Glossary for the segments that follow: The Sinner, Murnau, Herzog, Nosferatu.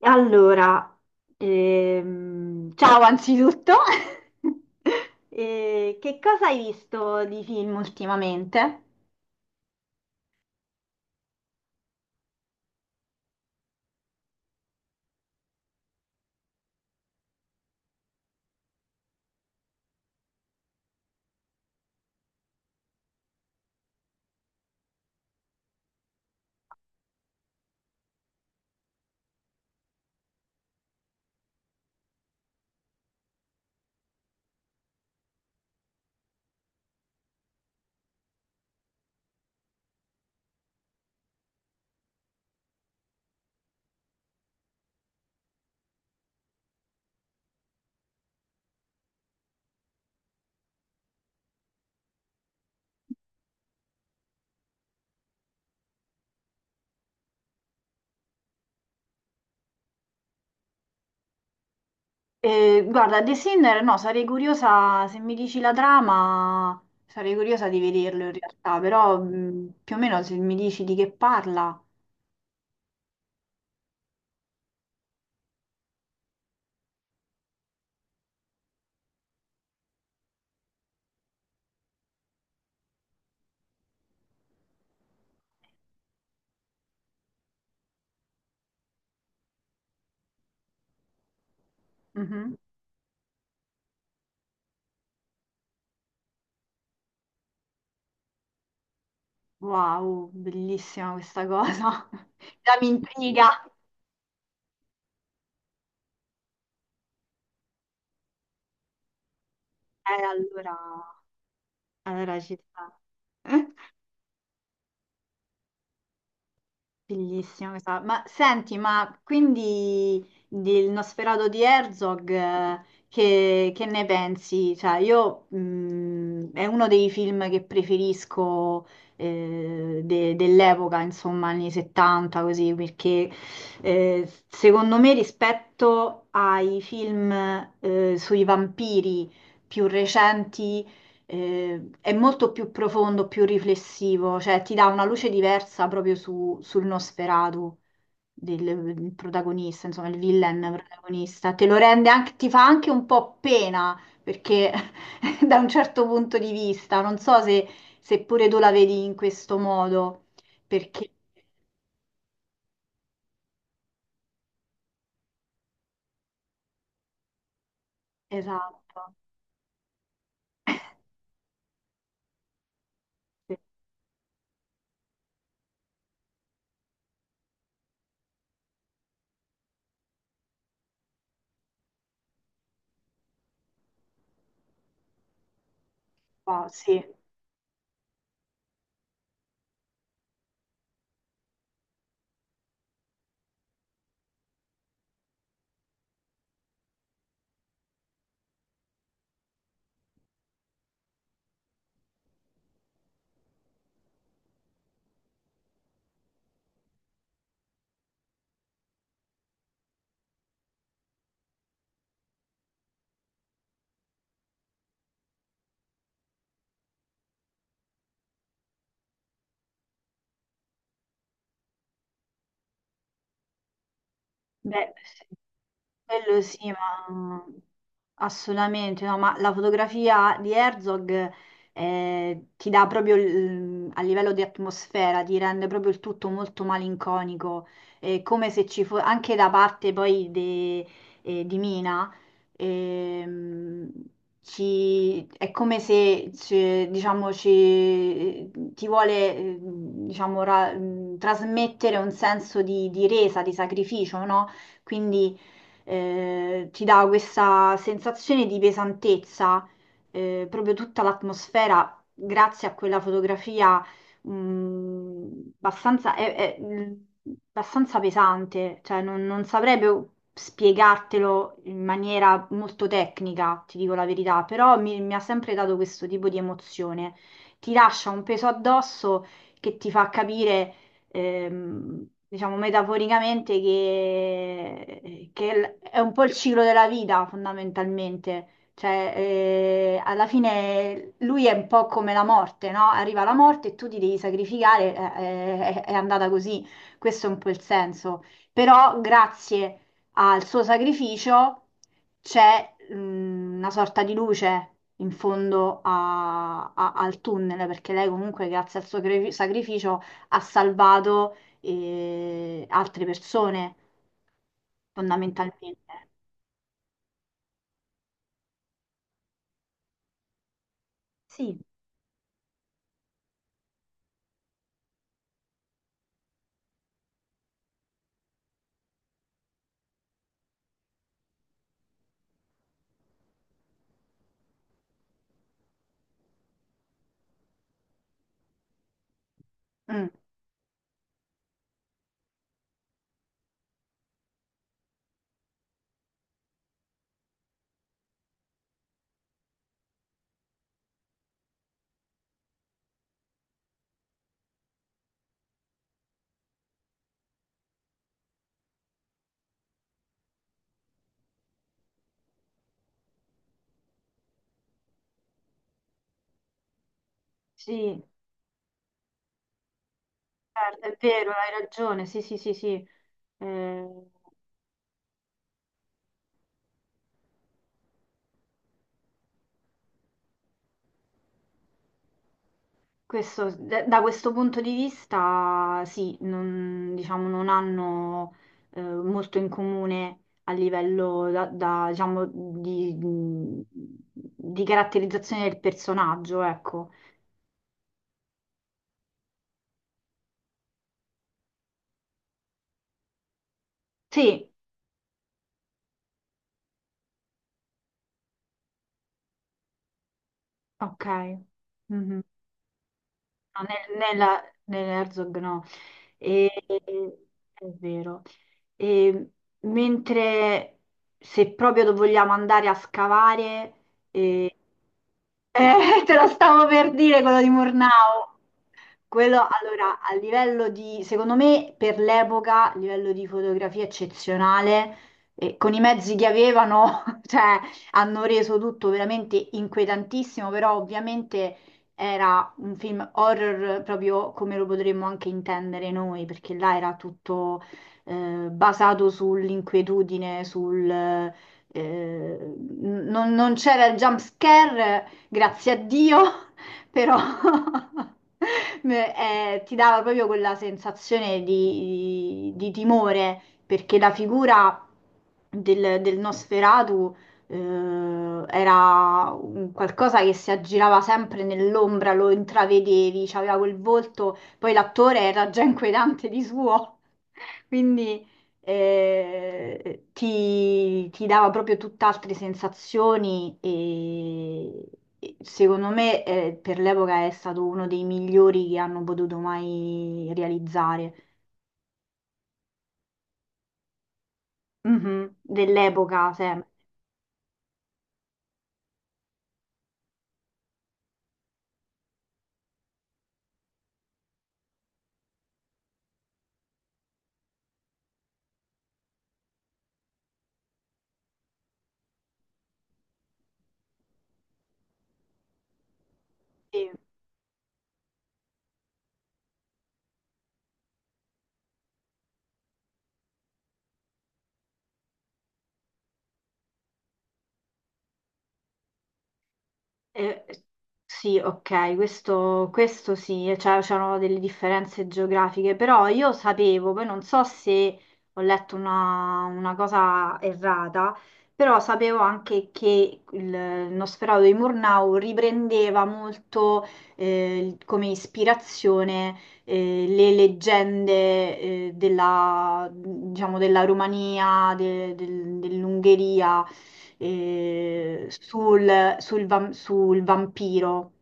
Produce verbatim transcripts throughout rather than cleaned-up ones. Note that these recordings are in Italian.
Allora, ehm, ciao anzitutto. Eh, che cosa hai visto di film ultimamente? Eh, guarda, The Sinner, no, sarei curiosa, se mi dici la trama, sarei curiosa di vederlo in realtà, però mh, più o meno se mi dici di che parla. Mhm. Wow, bellissima questa cosa, già mi intriga. Eh, allora, Allora ci sta. Fighissimo, che sa- ma senti, ma quindi del Nosferatu di Herzog, eh, che, che ne pensi? Cioè, io mh, è uno dei film che preferisco eh, de- dell'epoca, insomma, anni settanta, così, perché eh, secondo me rispetto ai film eh, sui vampiri più recenti eh, è molto più profondo, più riflessivo, cioè ti dà una luce diversa proprio su, sul Nosferatu del, del protagonista, insomma, il villain protagonista. Te lo rende anche, ti fa anche un po' pena perché da un certo punto di vista, non so se, se pure tu la vedi in questo modo, perché esatto, sì, sì. Beh, sì, quello sì, ma. Assolutamente, no, ma la fotografia di Herzog eh, ti dà proprio il- a livello di atmosfera, ti rende proprio il tutto molto malinconico, eh, come se ci fosse anche da parte poi de- eh, di Mina, ehm, ci- è come se ci- diciamo, ci- ti vuole eh, diciamo, ra- trasmettere un senso di, di resa, di sacrificio, no? Quindi eh, ti dà questa sensazione di pesantezza, eh, proprio tutta l'atmosfera, grazie a quella fotografia, mh, abbastanza, è- è, mh, abbastanza pesante, cioè non, non saprei proprio spiegartelo in maniera molto tecnica, ti dico la verità, però mi mi ha sempre dato questo tipo di emozione. Ti lascia un peso addosso che ti fa capire ehm, diciamo metaforicamente, che, che l- è un po' il ciclo della vita fondamentalmente. Cioè, eh, alla fine lui è un po' come la morte, no? Arriva la morte e tu ti devi sacrificare, eh, eh, è andata così. Questo è un po' il senso. Però grazie al suo sacrificio c'è mh, una sorta di luce in fondo a- a- al tunnel, perché lei comunque grazie al suo cre- sacrificio ha salvato eh, altre persone, fondamentalmente. Sì. Mm, sì, certo, è vero, hai ragione, sì, sì, sì, sì. Eh, questo- da da questo punto di vista, sì, non, diciamo, non hanno eh, molto in comune a livello da- da, diciamo, di, di caratterizzazione del personaggio, ecco. Sì, ok. Mhm. No, nel- nella, nell'Herzog no. E- è vero. E mentre se proprio do- vogliamo andare a scavare, eh, eh, te lo stavo per dire quello di Murnau. Quello, allora, a livello di, secondo me, per l'epoca, a livello di fotografia eccezionale, e con i mezzi che avevano, cioè, hanno reso tutto veramente inquietantissimo, però ovviamente era un film horror proprio come lo potremmo anche intendere noi, perché là era tutto eh, basato sull'inquietudine, sul... eh, n- non, non c'era il jump scare, grazie a Dio, però eh, ti dava proprio quella sensazione di, di timore, perché la figura del, del Nosferatu eh, era un qualcosa che si aggirava sempre nell'ombra, lo intravedevi, c'aveva quel volto, poi l'attore era già inquietante di suo, quindi eh, ti, ti dava proprio tutt'altre sensazioni e, e secondo me eh, per l'epoca è stato uno dei migliori che hanno potuto mai realizzare. Mhm. Dell'epoca sempre. Sì. Eh, sì, ok, questo, questo sì, e cioè c'erano delle differenze geografiche, però io sapevo, poi non so se ho letto una, una cosa errata, però sapevo anche che il Nosferatu di Murnau riprendeva molto eh, come ispirazione eh, le leggende eh, della, diciamo, della Romania, de- del- dell'Ungheria eh, sul, sul vam- sul vampiro,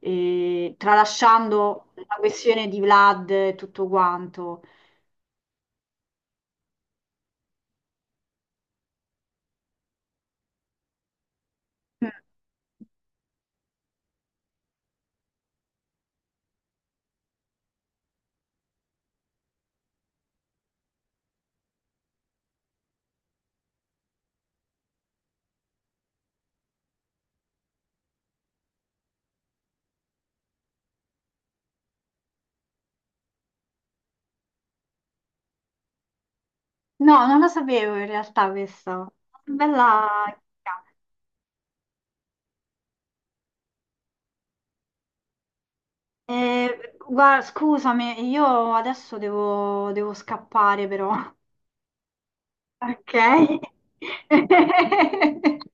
eh, tralasciando la questione di Vlad e tutto quanto. Mm. No, non la sapevo in realtà questa. Bella. Eh, guarda, scusami, io adesso devo devo scappare però. Ok.